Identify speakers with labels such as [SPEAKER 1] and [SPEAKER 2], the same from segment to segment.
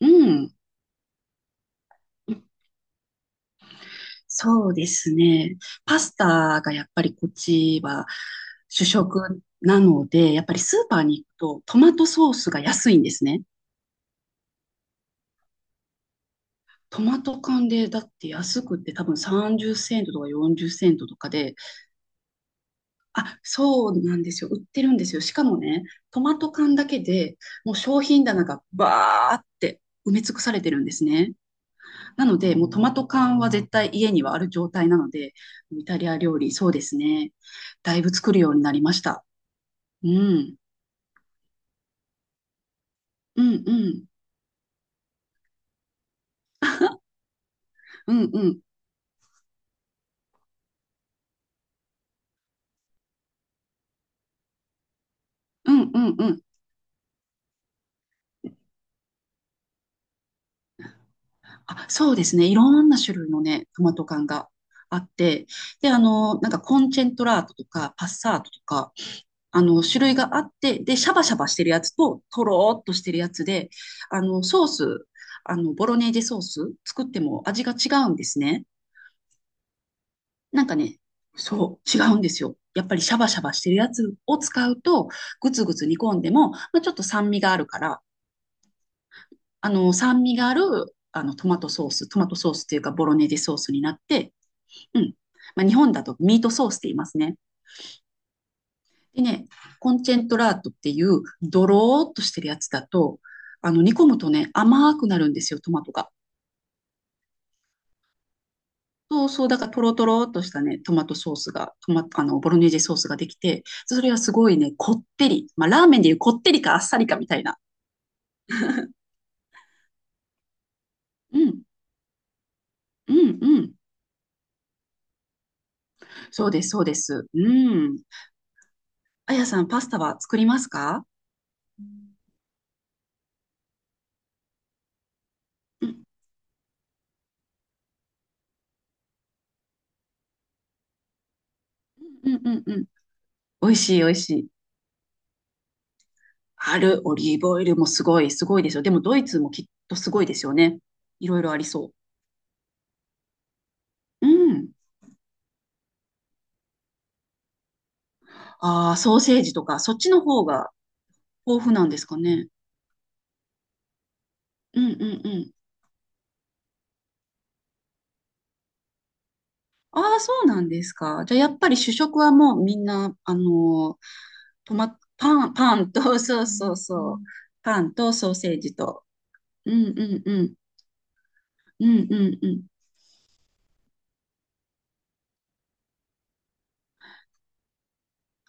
[SPEAKER 1] うん。そうですね。パスタがやっぱりこっちは主食なので、やっぱりスーパーに行くとトマトソースが安いんですね。トマト缶でだって安くって多分30セントとか40セントとかで、あ、そうなんですよ。売ってるんですよ。しかもね、トマト缶だけでもう商品棚がバーって埋め尽くされてるんですね。なので、もうトマト缶は絶対家にはある状態なので、イタリア料理、そうですね。だいぶ作るようになりました。うん。うんうん。うんうん。うんうんうん。あ、そうですね。いろんな種類のね、トマト缶があって、で、なんかコンチェントラートとか、パッサートとか、種類があって、で、シャバシャバしてるやつと、とろーっとしてるやつで、ソース、ボロネーゼソース作っても味が違うんですね。なんかね、そう、違うんですよ。やっぱりシャバシャバしてるやつを使うと、ぐつぐつ煮込んでも、まあ、ちょっと酸味があるから、酸味がある、トマトソース、トマトソースっていうか、ボロネーゼソースになって、うん。まあ、日本だとミートソースって言いますね。でね、コンチェントラートっていう、ドローっとしてるやつだと、煮込むとね、甘くなるんですよ、トマトが。そうそう、だからトロトロっとしたね、トマトソースが、トマ、あの、ボロネーゼソースができて、それはすごいね、こってり。まあ、ラーメンでいうこってりかあっさりかみたいな。うん、うん、うん。そうです、そうです。うん。あやさん、パスタは作りますか？うん、うん、うん、うん。美味しい、美味しい。ある、オリーブオイルもすごい、すごいですよ。でも、ドイツもきっとすごいですよね。いろいろありそう。うん。ああ、ソーセージとか、そっちの方が豊富なんですかね？うん、うん、うん。ああ、そうなんですか？じゃあ、やっぱり主食はもうみんな、トマ、パン、パンと、そうそうそう。パンとソーセージと。うんうんうん。うんうんうん。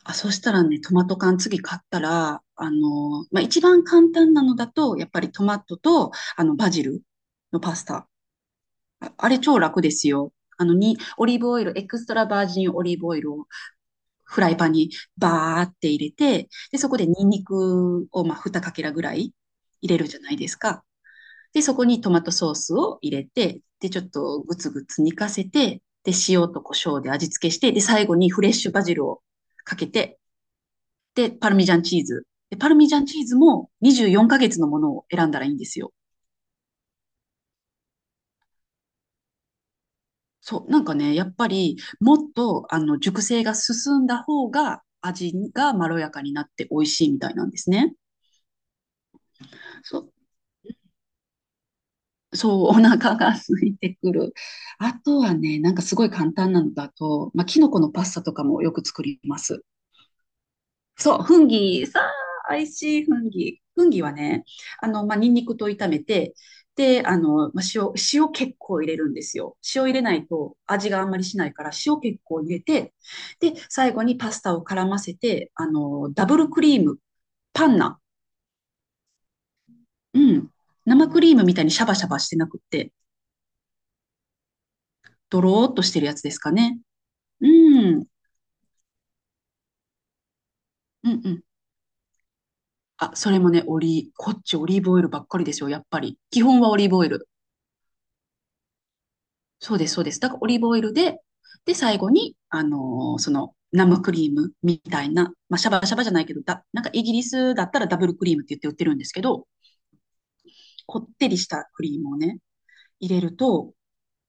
[SPEAKER 1] あ、そしたらね、トマト缶次買ったら、まあ、一番簡単なのだと、やっぱりトマトと、バジルのパスタ。あ、あれ超楽ですよ。オリーブオイル、エクストラバージンオリーブオイルをフライパンにバーって入れて、で、そこでニンニクをまあ2かけらぐらい入れるじゃないですか。で、そこにトマトソースを入れて、で、ちょっとグツグツ煮かせて、で、塩と胡椒で味付けして、で、最後にフレッシュバジルをかけて、で、パルミジャンチーズ。で、パルミジャンチーズも24ヶ月のものを選んだらいいんですよ。そう、なんかね、やっぱりもっと熟成が進んだ方が味がまろやかになって美味しいみたいなんですね。そう、そう、お腹が空いてくる。あとはね、なんかすごい簡単なのだと、まあ、キノコのパスタとかもよく作ります。そう、フンギ、さあ、美味しいフンギ。フンギはね、まあ、ニンニクと炒めて、で、まあ、塩結構入れるんですよ。塩入れないと味があんまりしないから、塩結構入れて、で、最後にパスタを絡ませて、ダブルクリーム、パンナ、うん、生クリームみたいにシャバシャバしてなくって、ドローっとしてるやつですかね。うん。うんうん。あ、それもね、こっちオリーブオイルばっかりですよ、やっぱり。基本はオリーブオイル。そうです、そうです。だからオリーブオイルで、で、最後に、生クリームみたいな、まあ、シャバシャバじゃないけど、なんかイギリスだったらダブルクリームって言って売ってるんですけど、こってりしたクリームをね、入れると、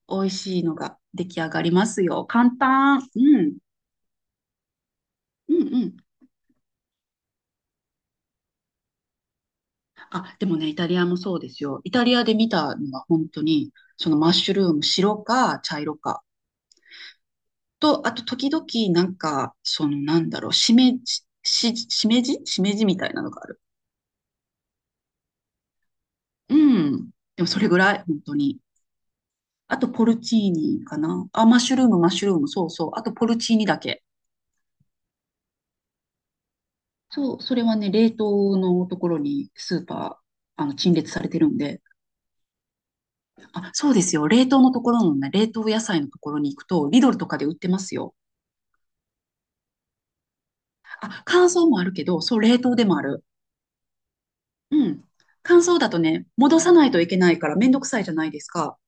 [SPEAKER 1] 美味しいのが出来上がりますよ。簡単。うん。うんうん。あ、でもね、イタリアもそうですよ。イタリアで見たのは本当に、そのマッシュルーム、白か茶色か。と、あと時々、しめじしめじみたいなのがある。うん。でもそれぐらい、本当に。あと、ポルチーニかな。あ、マッシュルーム、マッシュルーム、そうそう。あと、ポルチーニだけ。そう、それはね、冷凍のところにスーパー、あの、陳列されてるんで。あ、そうですよ。冷凍のところのね、冷凍野菜のところに行くと、リドルとかで売ってますよ。あ、乾燥もあるけど、そう、冷凍でもある。うん。乾燥だとね、戻さないといけないからめんどくさいじゃないですか。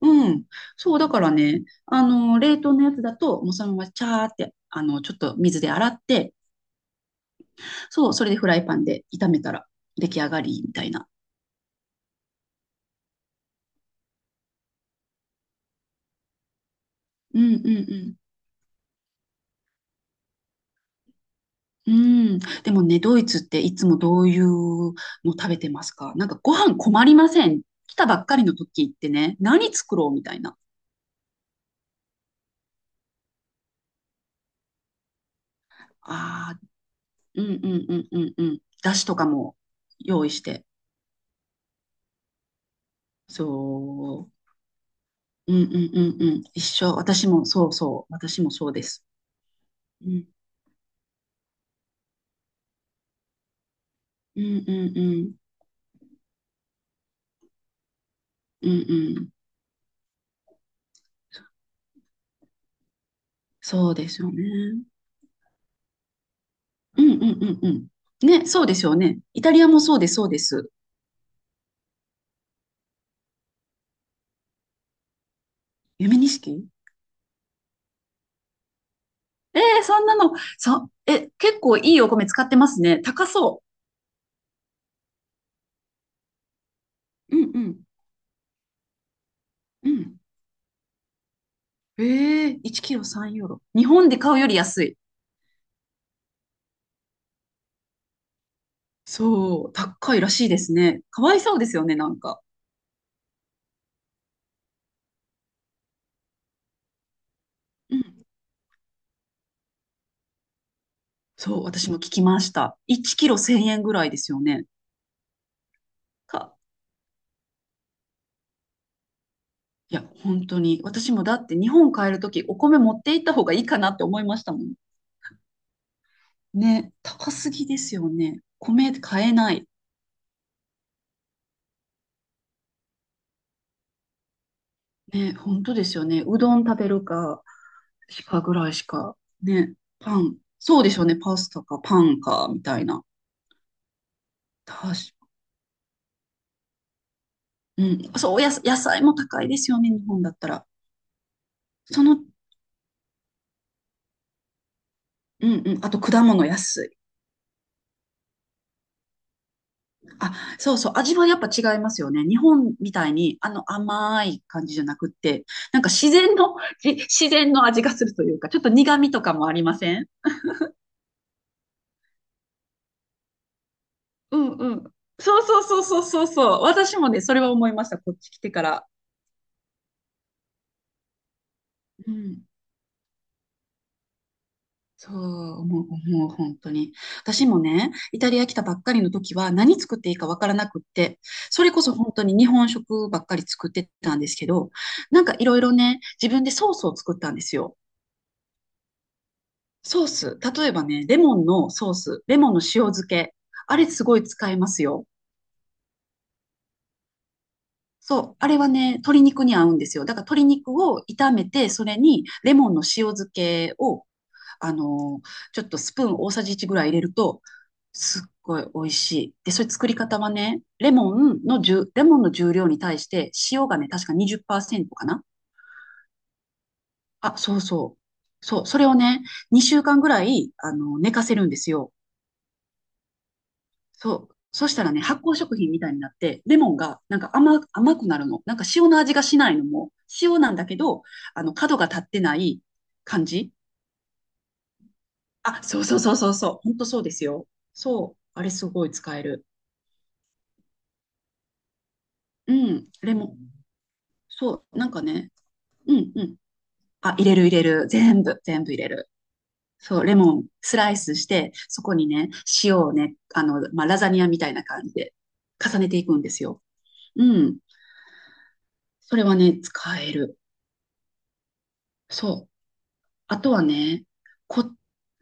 [SPEAKER 1] うん。そう、だからね、冷凍のやつだと、もうそのままチャーって、ちょっと水で洗って、そう、それでフライパンで炒めたら出来上がりみたいな。うんうんうん。うん。でもね、ドイツっていつもどういうの食べてますか？なんかご飯困りません？来たばっかりの時ってね、何作ろうみたいな。ああ、うんうんうんうんうん。だしとかも用意して。そう。うんうんうんうん。一緒。私もそうそう。私もそうです。うんうんうんうん。うんうん。そうですよね。うんうんうんうん。ね、そうですよね。イタリアもそうです、そうです。夢錦。えー、そんなの、結構いいお米使ってますね。高そう。うんうんうん。えー、1キロ3ユーロ。日本で買うより安い。そう、高いらしいですね。かわいそうですよね、なんか。うん。そう、私も聞きました。1キロ1000円ぐらいですよね。かいや、本当に。私もだって日本帰るときお米持って行った方がいいかなって思いましたもん。ね、高すぎですよね。米買えない。ね、本当ですよね。うどん食べるか、しかぐらいしか。ね、パン。そうでしょうね。パスタかパンか、みたいな。確か、うん。そう、おやす、野菜も高いですよね。日本だったら。その、うんうん。あと果物安い。あ、そうそう、味はやっぱ違いますよね。日本みたいに、あの甘い感じじゃなくって、なんか自然の、自然の味がするというか、ちょっと苦味とかもありません？うんうん。そうそうそうそうそうそう。私もね、それは思いました。こっち来てから。うん。そう、もう本当に。私もね、イタリア来たばっかりの時は何作っていいかわからなくって、それこそ本当に日本食ばっかり作ってたんですけど、なんかいろいろね、自分でソースを作ったんですよ。ソース、例えばね、レモンのソース、レモンの塩漬け、あれすごい使えますよ。そう、あれはね、鶏肉に合うんですよ。だから鶏肉を炒めて、それにレモンの塩漬けを、あのーちょっとスプーン大さじ1ぐらい入れると、すっごい美味しい。で、それ作り方はね、レモンの重量に対して塩がね、確か20%かな。あ、そうそう。そう、それをね、2週間ぐらい、寝かせるんですよ。そう。そしたらね、発酵食品みたいになって、レモンがなんか甘くなるの。なんか塩の味がしないのも、塩なんだけど、角が立ってない感じ。あ、そうそうそうそうそう。ほんとそうですよ。そう。あれすごい使える。うん。レモン。そう。なんかね。うんうん。あ、入れる入れる。全部、全部入れる。そう。レモンスライスして、そこにね、塩をね、まあ、ラザニアみたいな感じで重ねていくんですよ。うん。それはね、使える。そう。あとはね、こ、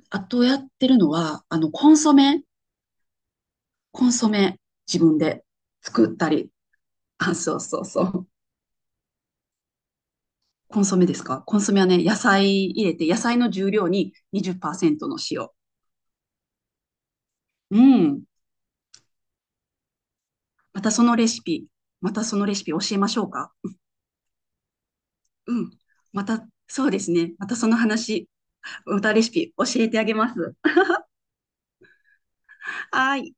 [SPEAKER 1] あとやってるのは、コンソメ、コンソメ、自分で作ったり。あ、そうそうそう。コンソメですか？コンソメはね、野菜入れて、野菜の重量に20%の塩。うん。またそのレシピ、またそのレシピ教えましょうか？うん。また、そうですね。またその話、またレシピ教えてあげます。はーい。